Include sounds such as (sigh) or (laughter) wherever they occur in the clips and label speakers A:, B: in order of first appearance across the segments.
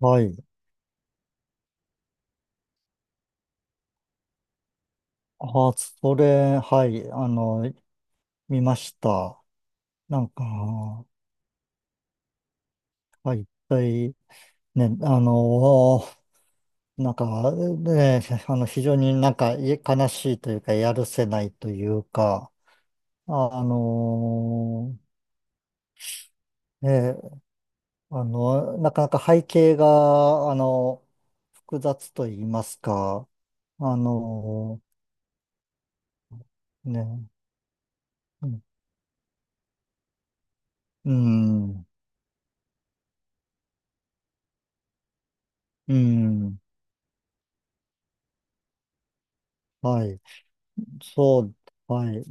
A: はい。あ、それ、はい。見ました。はい。一体、ね、ね、非常になんかい悲しいというか、やるせないというか、あの、ね、なかなか背景が、複雑と言いますか、あの、ね、うん、うん、はい。そう、はい。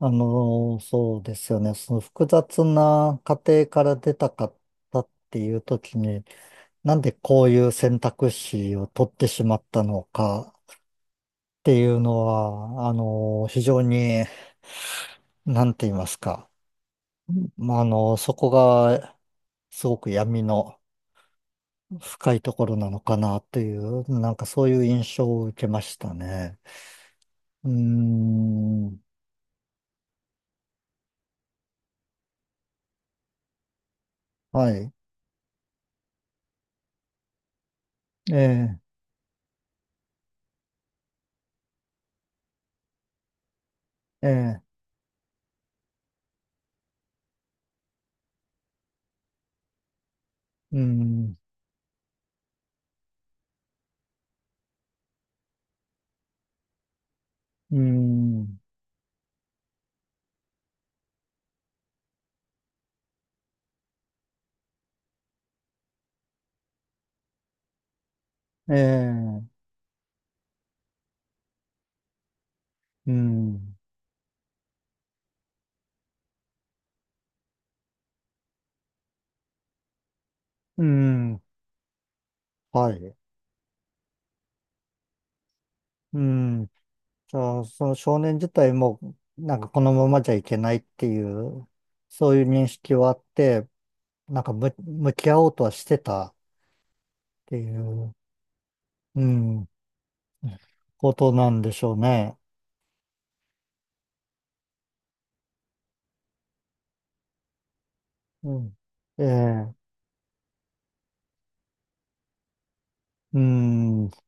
A: そうですよね。その複雑な家庭から出たかったっていう時に、なんでこういう選択肢を取ってしまったのかっていうのは、非常に、なんて言いますか。まあ、そこがすごく闇の深いところなのかなという、そういう印象を受けましたね。うーん。はい。ええ、ええ、うーん、うーん、ええ。うん。うん。はい。うん。じゃあ、その少年自体も、このままじゃいけないっていう、そういう認識はあって、なんかむ向き合おうとはしてたっていう、うん、ことなんでしょうね。うん。ええ、うん、え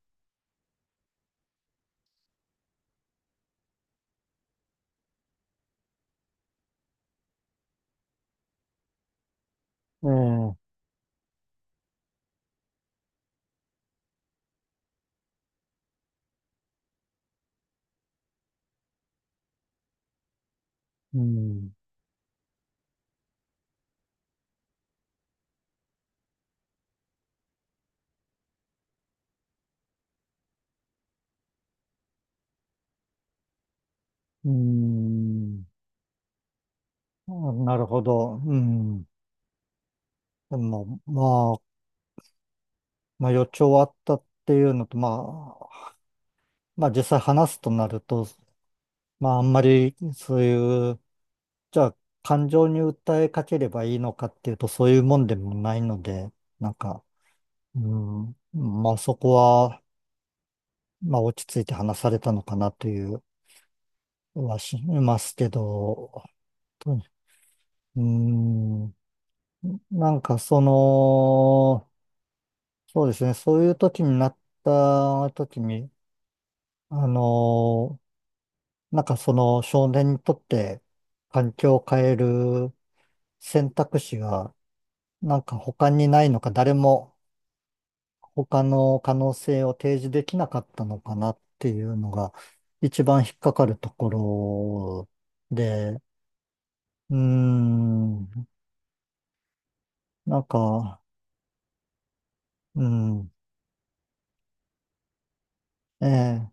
A: え、うん、うん。あ、なるほど。うん。でも、まあ、予兆はあったっていうのと、まあ、まあ実際話すとなると、まあ、あんまり、そういう、じゃあ、感情に訴えかければいいのかっていうと、そういうもんでもないので、なんか、うん、まあ、そこは、まあ、落ち着いて話されたのかなというはしますけど、と、うん、なんか、その、そうですね、そういう時になった時に、あの、その少年にとって環境を変える選択肢が他にないのか、誰も他の可能性を提示できなかったのかなっていうのが一番引っかかるところで、うーん。なんか、うん、ええ、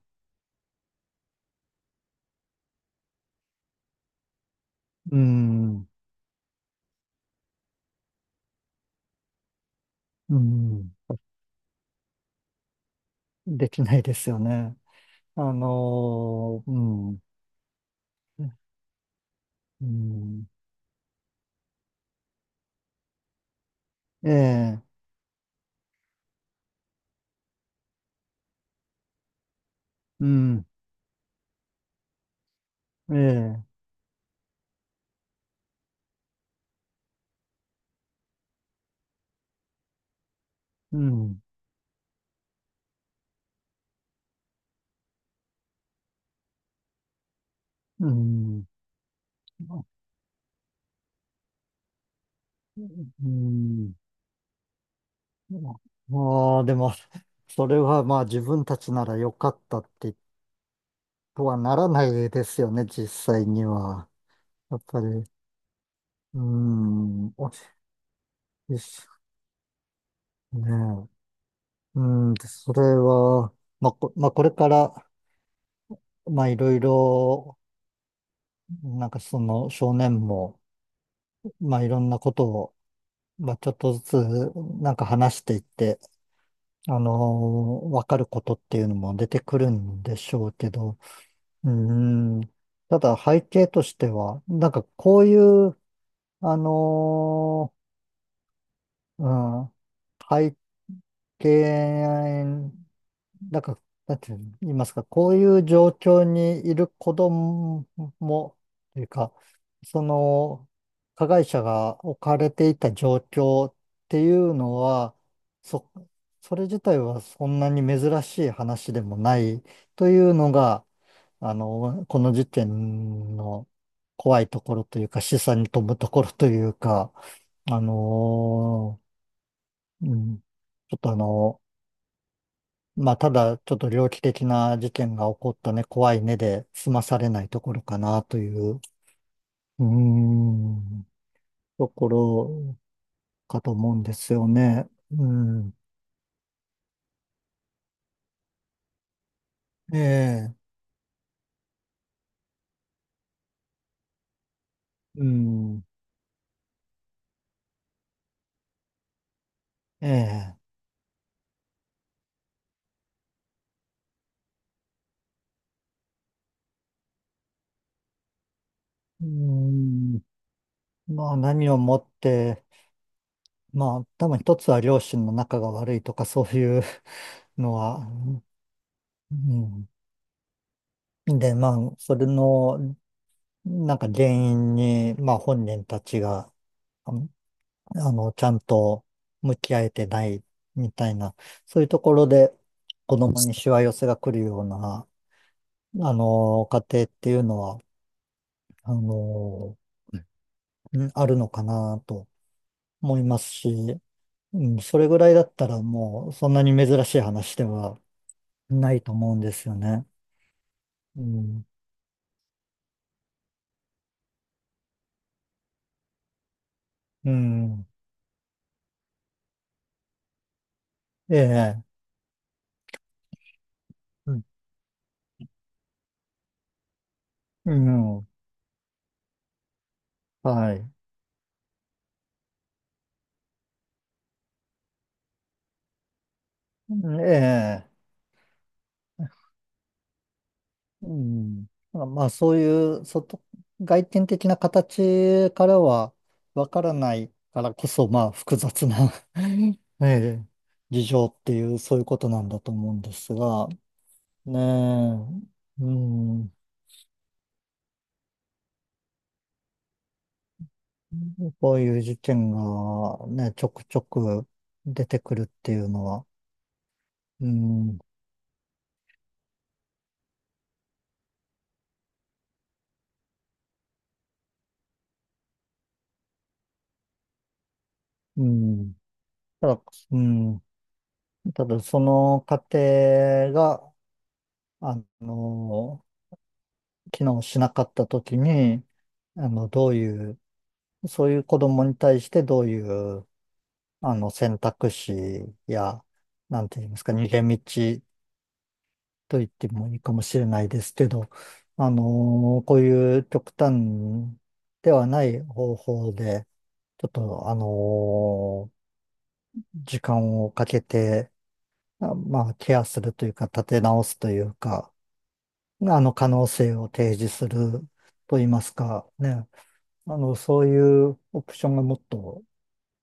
A: うん、うん、できないですよね。うん、うん、ええ、うん、ええ、うん、うん、うん、ああ、でも、それはまあ自分たちなら良かったってとはならないですよね、実際には。やっぱり、うーん、おしよしねえ。うん、でそれは、まあ、まあ、これから、まあいろいろ、その少年も、まあいろんなことを、まあちょっとずつ、話していって、あのわかることっていうのも出てくるんでしょうけど、うーん。ただ背景としては、なんかこういう、あのーうん、背景、なんか、なんて言いますか、こういう状況にいる子供も、というか、その、加害者が置かれていた状況っていうのは、そ、それ自体はそんなに珍しい話でもないというのが、この事件の怖いところというか、示唆に富むところというか、あの、うん、ちょっとまあ、ただちょっと猟奇的な事件が起こったね、怖いねで済まされないところかなという、うーん、ところかと思うんですよね。うん、ええ、うん、ええ、うん、まあ何をもって、まあ、多分一つは両親の仲が悪いとかそういう (laughs) のは、うん。で、まあ、それの、原因に、まあ本人たちが、あの、ちゃんと向き合えてないみたいな、そういうところで子供にしわ寄せが来るような、家庭っていうのは、あの、うん、あるのかなと思いますし、うん、それぐらいだったらもうそんなに珍しい話ではないと思うんですよね。うん。うん。ええ。うん。うん、はい。うん、ええ。うん、うん、はい、ええ、うん、まあ、そういう外、外見的な形からはわからないからこそ、まあ、複雑な (laughs) ええ、事情っていう、そういうことなんだと思うんですが、ねえ。うん。こういう事件がね、ちょくちょく出てくるっていうのは、うん。うん。ただ、うん、ただその過程が、あの、機能しなかったときに、どういう、そういう子供に対してどういう、選択肢や、なんて言いますか、逃げ道と言ってもいいかもしれないですけど、こういう極端ではない方法で、ちょっと、時間をかけて、まあ、ケアするというか、立て直すというか、可能性を提示すると言いますか、ね、そういうオプションがもっと、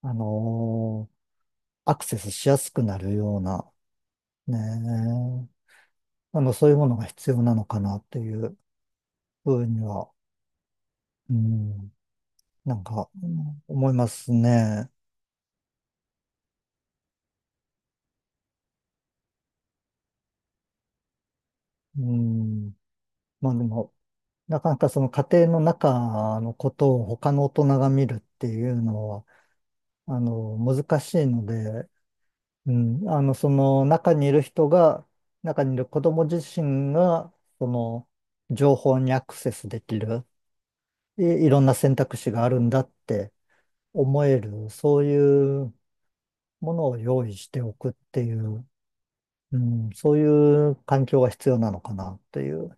A: あのアクセスしやすくなるような、ね、そういうものが必要なのかなっていうふうには、うん、うん、思いますね。うん。まあでも、なかなかその家庭の中のことを他の大人が見るっていうのは、難しいので、うん、その中にいる人が、中にいる子供自身が、その情報にアクセスできる、いろんな選択肢があるんだって思える、そういうものを用意しておくっていう、うん、そういう環境が必要なのかなっていう。